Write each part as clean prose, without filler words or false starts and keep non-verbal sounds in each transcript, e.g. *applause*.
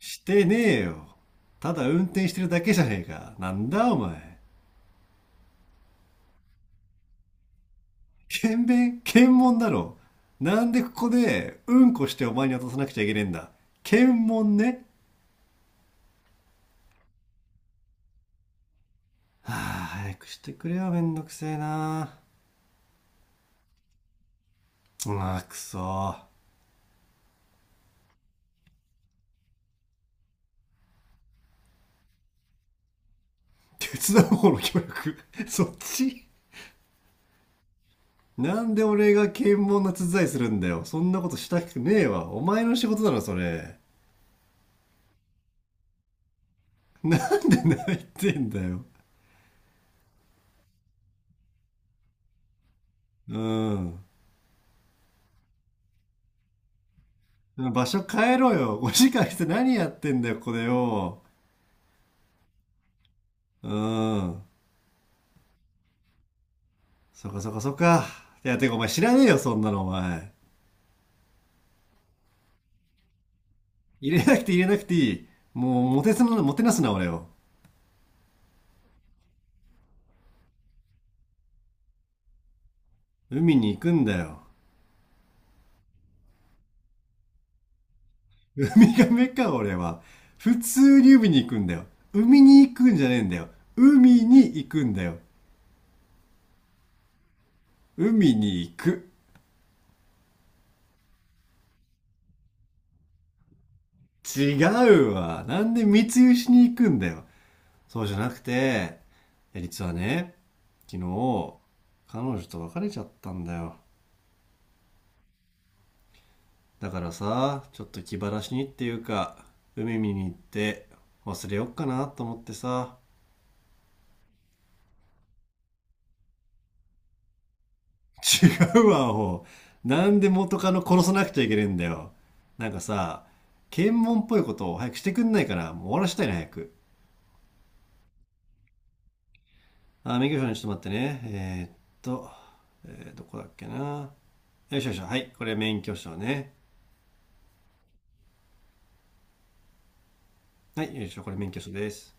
してねえよ。ただ運転してるだけじゃねえか。なんだお前。検便検問だろ。なんでここでうんこしてお前に渡さなくちゃいけねえんだ。検問ね。はあ、早くしてくれよ。めんどくせえな。うわ、くそ。手伝う方の協力。*laughs* そっち、なんで俺が検問の手伝いするんだよ。そんなことしたくねえわ。お前の仕事だろ、それ。なんで泣いてんだよ。うん。場所変えろよ。5時間して何やってんだよ、これよ。うん。そっかそっかそっか。いや、てかお前知らねえよ、そんなのお前。入れなくていい。もう、もてなすな、俺を。海に行くんだよ。ウミガメか、俺は。普通に海に行くんだよ。海に行くんじゃねえんだよ。海に行くんだよ。海に行く。違うわ。なんで密輸しに行くんだよ。そうじゃなくて、実はね、昨日彼女と別れちゃったんだよ。だからさ、ちょっと気晴らしにっていうか、海見に行って忘れよっかなと思ってさ。違うわアホ。なんで元カノ殺さなくちゃいけねえんだよ。なんかさ、検問っぽいことを早くしてくんないからもう終わらしたいな早く。あ、免許証に、ちょっと待ってねえー、っと、えーどこだっけな。よいしょよいしょ、はい、これ免許証ね。はい、よいしょ、これ免許証です。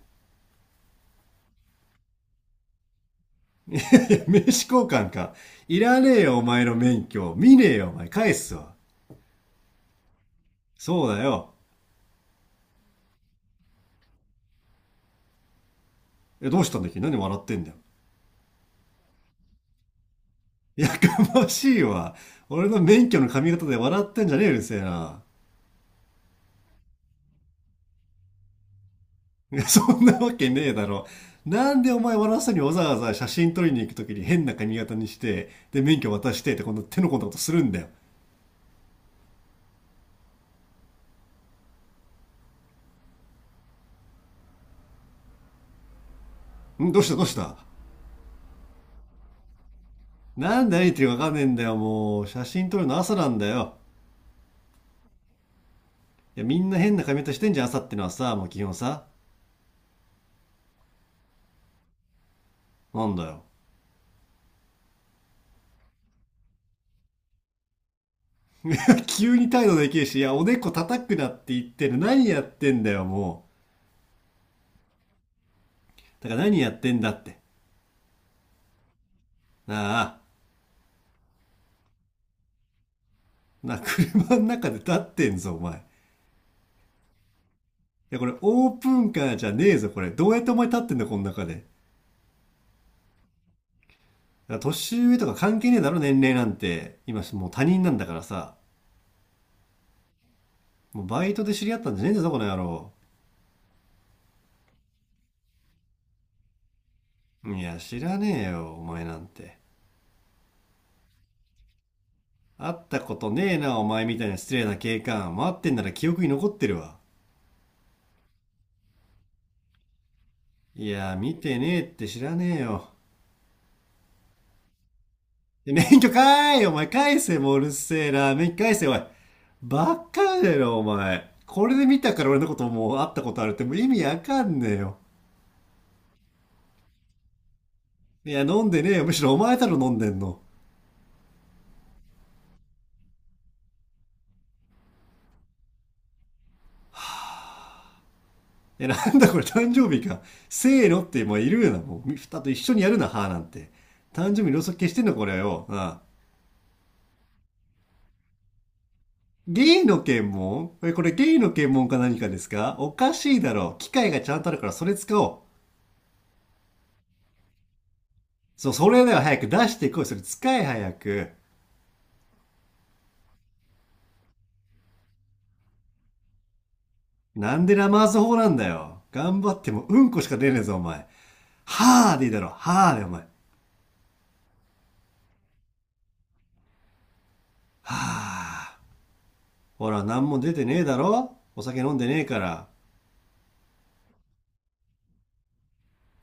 *laughs* 名刺交換か。いらねえよ、お前の免許。見ねえよ、お前。返すわ。そうだよ。え、どうしたんだっけ、何笑ってんだよ。*laughs* やましいわ。俺の免許の髪型で笑ってんじゃねえよ、うるせえな。いや、そんなわけねえだろ。なんでお前笑わせにわざわざ写真撮りに行くときに変な髪型にして、で、免許渡してって、こんな手の込んだことするんだよ。ん、どうしたどうした。なんで何言ってるかわかんねえんだよ、もう。写真撮るの朝なんだよ。いや、みんな変な髪型してんじゃん、朝ってのはさ、もう基本さ。なんだよ。急に態度できるし、いや、おでこ叩くなって言ってる。何やってんだよ、もう。だから何やってんだって。なあ、なあ、車の中で立ってんぞ、お前。いや、これオープンカーじゃねえぞ、これ。どうやってお前立ってんだよ、この中で。だから年上とか関係ねえだろ、年齢なんて。今、もう他人なんだからさ。もうバイトで知り合ったんじゃねえんだぞ、この野郎。いや、知らねえよ、お前なんて。会ったことねえな、お前みたいな失礼な警官。待ってんなら記憶に残ってるわ。いや、見てねえって、知らねえよ。で、免許返え、お前返せ、もううるせえな。免許返せおい。ばっかだよお前。これで見たから俺のこともう会ったことあるって、もう意味わかんねえよ。いや、飲んでねえよ。むしろお前だろ飲んでんの。え、なんだこれ誕生日か。せーのってもういるよな。もう、ふたと一緒にやるな、はーなんて。誕生日ろうそく消してんのこれよ。なあ。ゲイの検問、え、これゲイの検問か何かですか。おかしいだろ。機械がちゃんとあるからそれ使おう。そう、それでは早く出してこい。それ使え早く。なんでラマーズ法なんだよ。頑張ってもうんこしか出ねえぞ、お前。はぁでいいだろ。はぁで、お前。はぁ。ほら、なんも出てねえだろ、お酒飲んでねえから。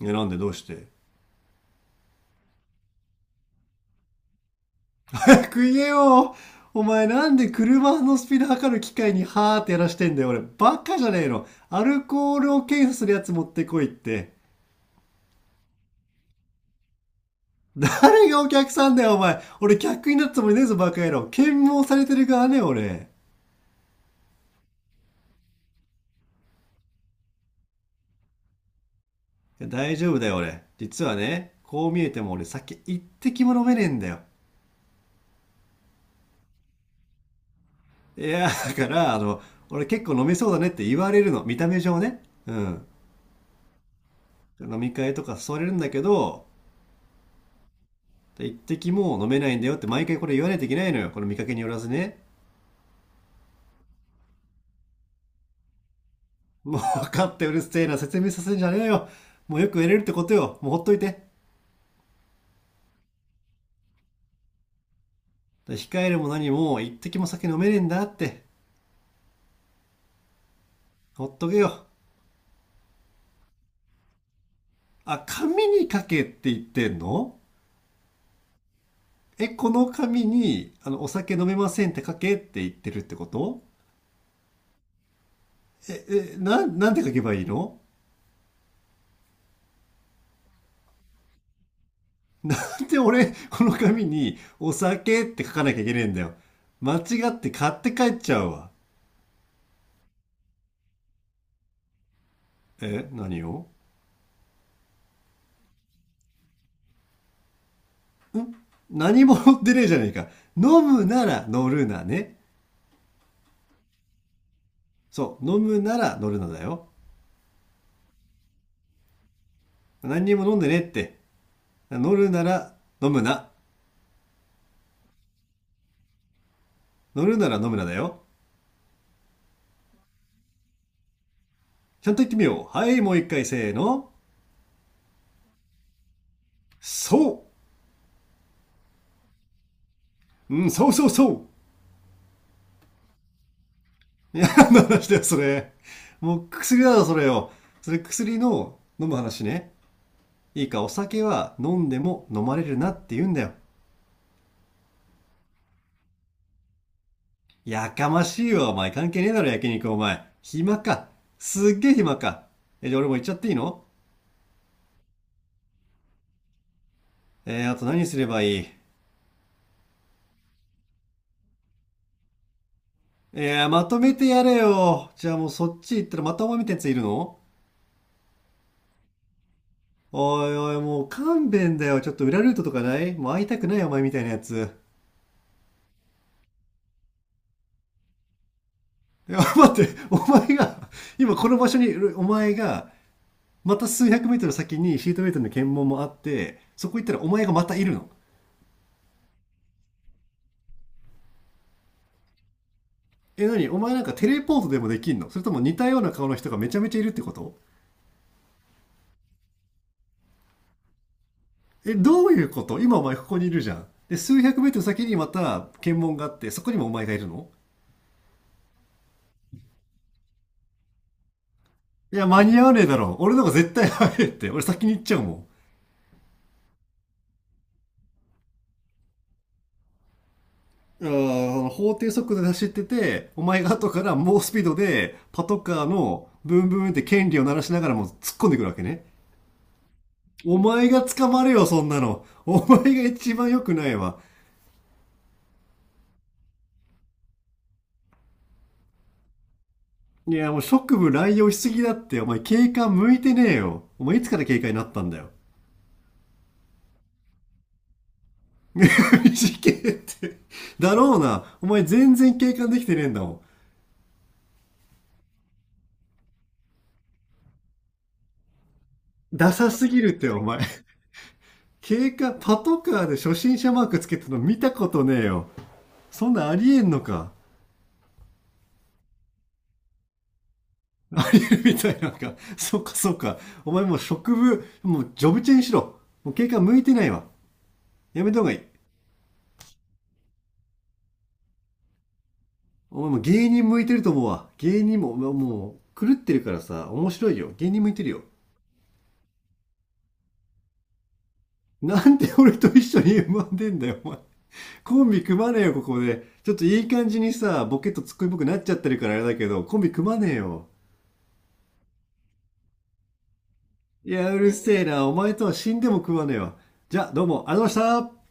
いや、なんで、どうして早く言 *laughs* えよ。お前なんで車のスピード測る機械にはーってやらしてんだよ。俺、バカじゃねえの。アルコールを検査するやつ持ってこいって。誰がお客さんだよ、お前。俺、客になったつもりねえぞ、バカ野郎。検問されてる側ね、俺。や、大丈夫だよ俺。実はね、こう見えても俺酒一滴も飲めねえんだよ。いや、だから、俺結構飲めそうだねって言われるの。見た目上ね。うん。飲み会とか誘われるんだけど、一滴も飲めないんだよって毎回これ言わないといけないのよ。この見かけによらずね。もう分かって、うるせえな。説明させんじゃねえよ。もうよくやれるってことよ。もうほっといて。控えるも何も一滴も酒飲めねえんだって。ほっとけよ。あ、紙に書けって言ってんの？え、この紙に、お酒飲めませんって書けって言ってるってこと？え、なんて書けばいいの？ *laughs* で、俺、この紙に、お酒って書かなきゃいけねえんだよ。間違って買って帰っちゃうわ。え、何を？ん、何も乗ってねえじゃねえか。飲むなら乗るなね。そう、飲むなら乗るなだよ。何にも飲んでねえって。乗るなら飲むな。乗るなら飲むなだよ。ちゃんと言ってみよう。はい、もう一回せーの。そう、うん、そうそうそう。いや、何の話だよ、それ。もう薬だろ、それよ。それ薬の飲む話ね。いいか、お酒は飲んでも飲まれるなって言うんだよ。やかましいわ、お前。関係ねえだろ、焼肉、お前。暇か。すっげえ暇か。え、じゃあ俺も行っちゃっていいの？あと何すればいい？まとめてやれよ。じゃあもうそっち行ったらまたお前みたいなやついるの？おいおい、もう勘弁だよ。ちょっと裏ルートとかない？もう会いたくないお前みたいなやつ。いや、待って、お前が、今この場所に、お前が、また数百メートル先にシートベルトの検問もあって、そこ行ったらお前がまたいるの。え、なにお前なんかテレポートでもできんの？それとも似たような顔の人がめちゃめちゃいるってこと？え、どういうこと？今お前ここにいるじゃん。で、数百メートル先にまた検問があって、そこにもお前がいるの？いや、間に合わねえだろ。俺の方が絶対早いって。俺先に行っちゃうもん。あ、法定速度で走ってて、お前が後から猛スピードでパトカーのブンブンって権利を鳴らしながらもう突っ込んでくるわけね。お前が捕まるよ、そんなの。お前が一番良くないわ。いや、もう職務乱用しすぎだって。お前警官向いてねえよ。お前いつから警官になったんだよ。*laughs* 事件って。だろうな。お前全然警官できてねえんだもん。ダサすぎるって、お前。警官、パトカーで初心者マークつけてるの見たことねえよ。そんなありえんのか。ありえるみたいなんか。そっかそっか。お前もう職務、もうジョブチェンしろ。もう警官向いてないわ。やめた方がいい。お前もう芸人向いてると思うわ。芸人も、もう狂ってるからさ、面白いよ。芸人向いてるよ。なんで俺と一緒に M1 出んだよ、お前。コンビ組まねえよ、ここで。ちょっといい感じにさ、ボケとツッコミっぽくなっちゃってるからあれだけど、コンビ組まねえよ。いや、うるせえな。お前とは死んでも組まねえわ。じゃあ、どうも、ありがとうございました。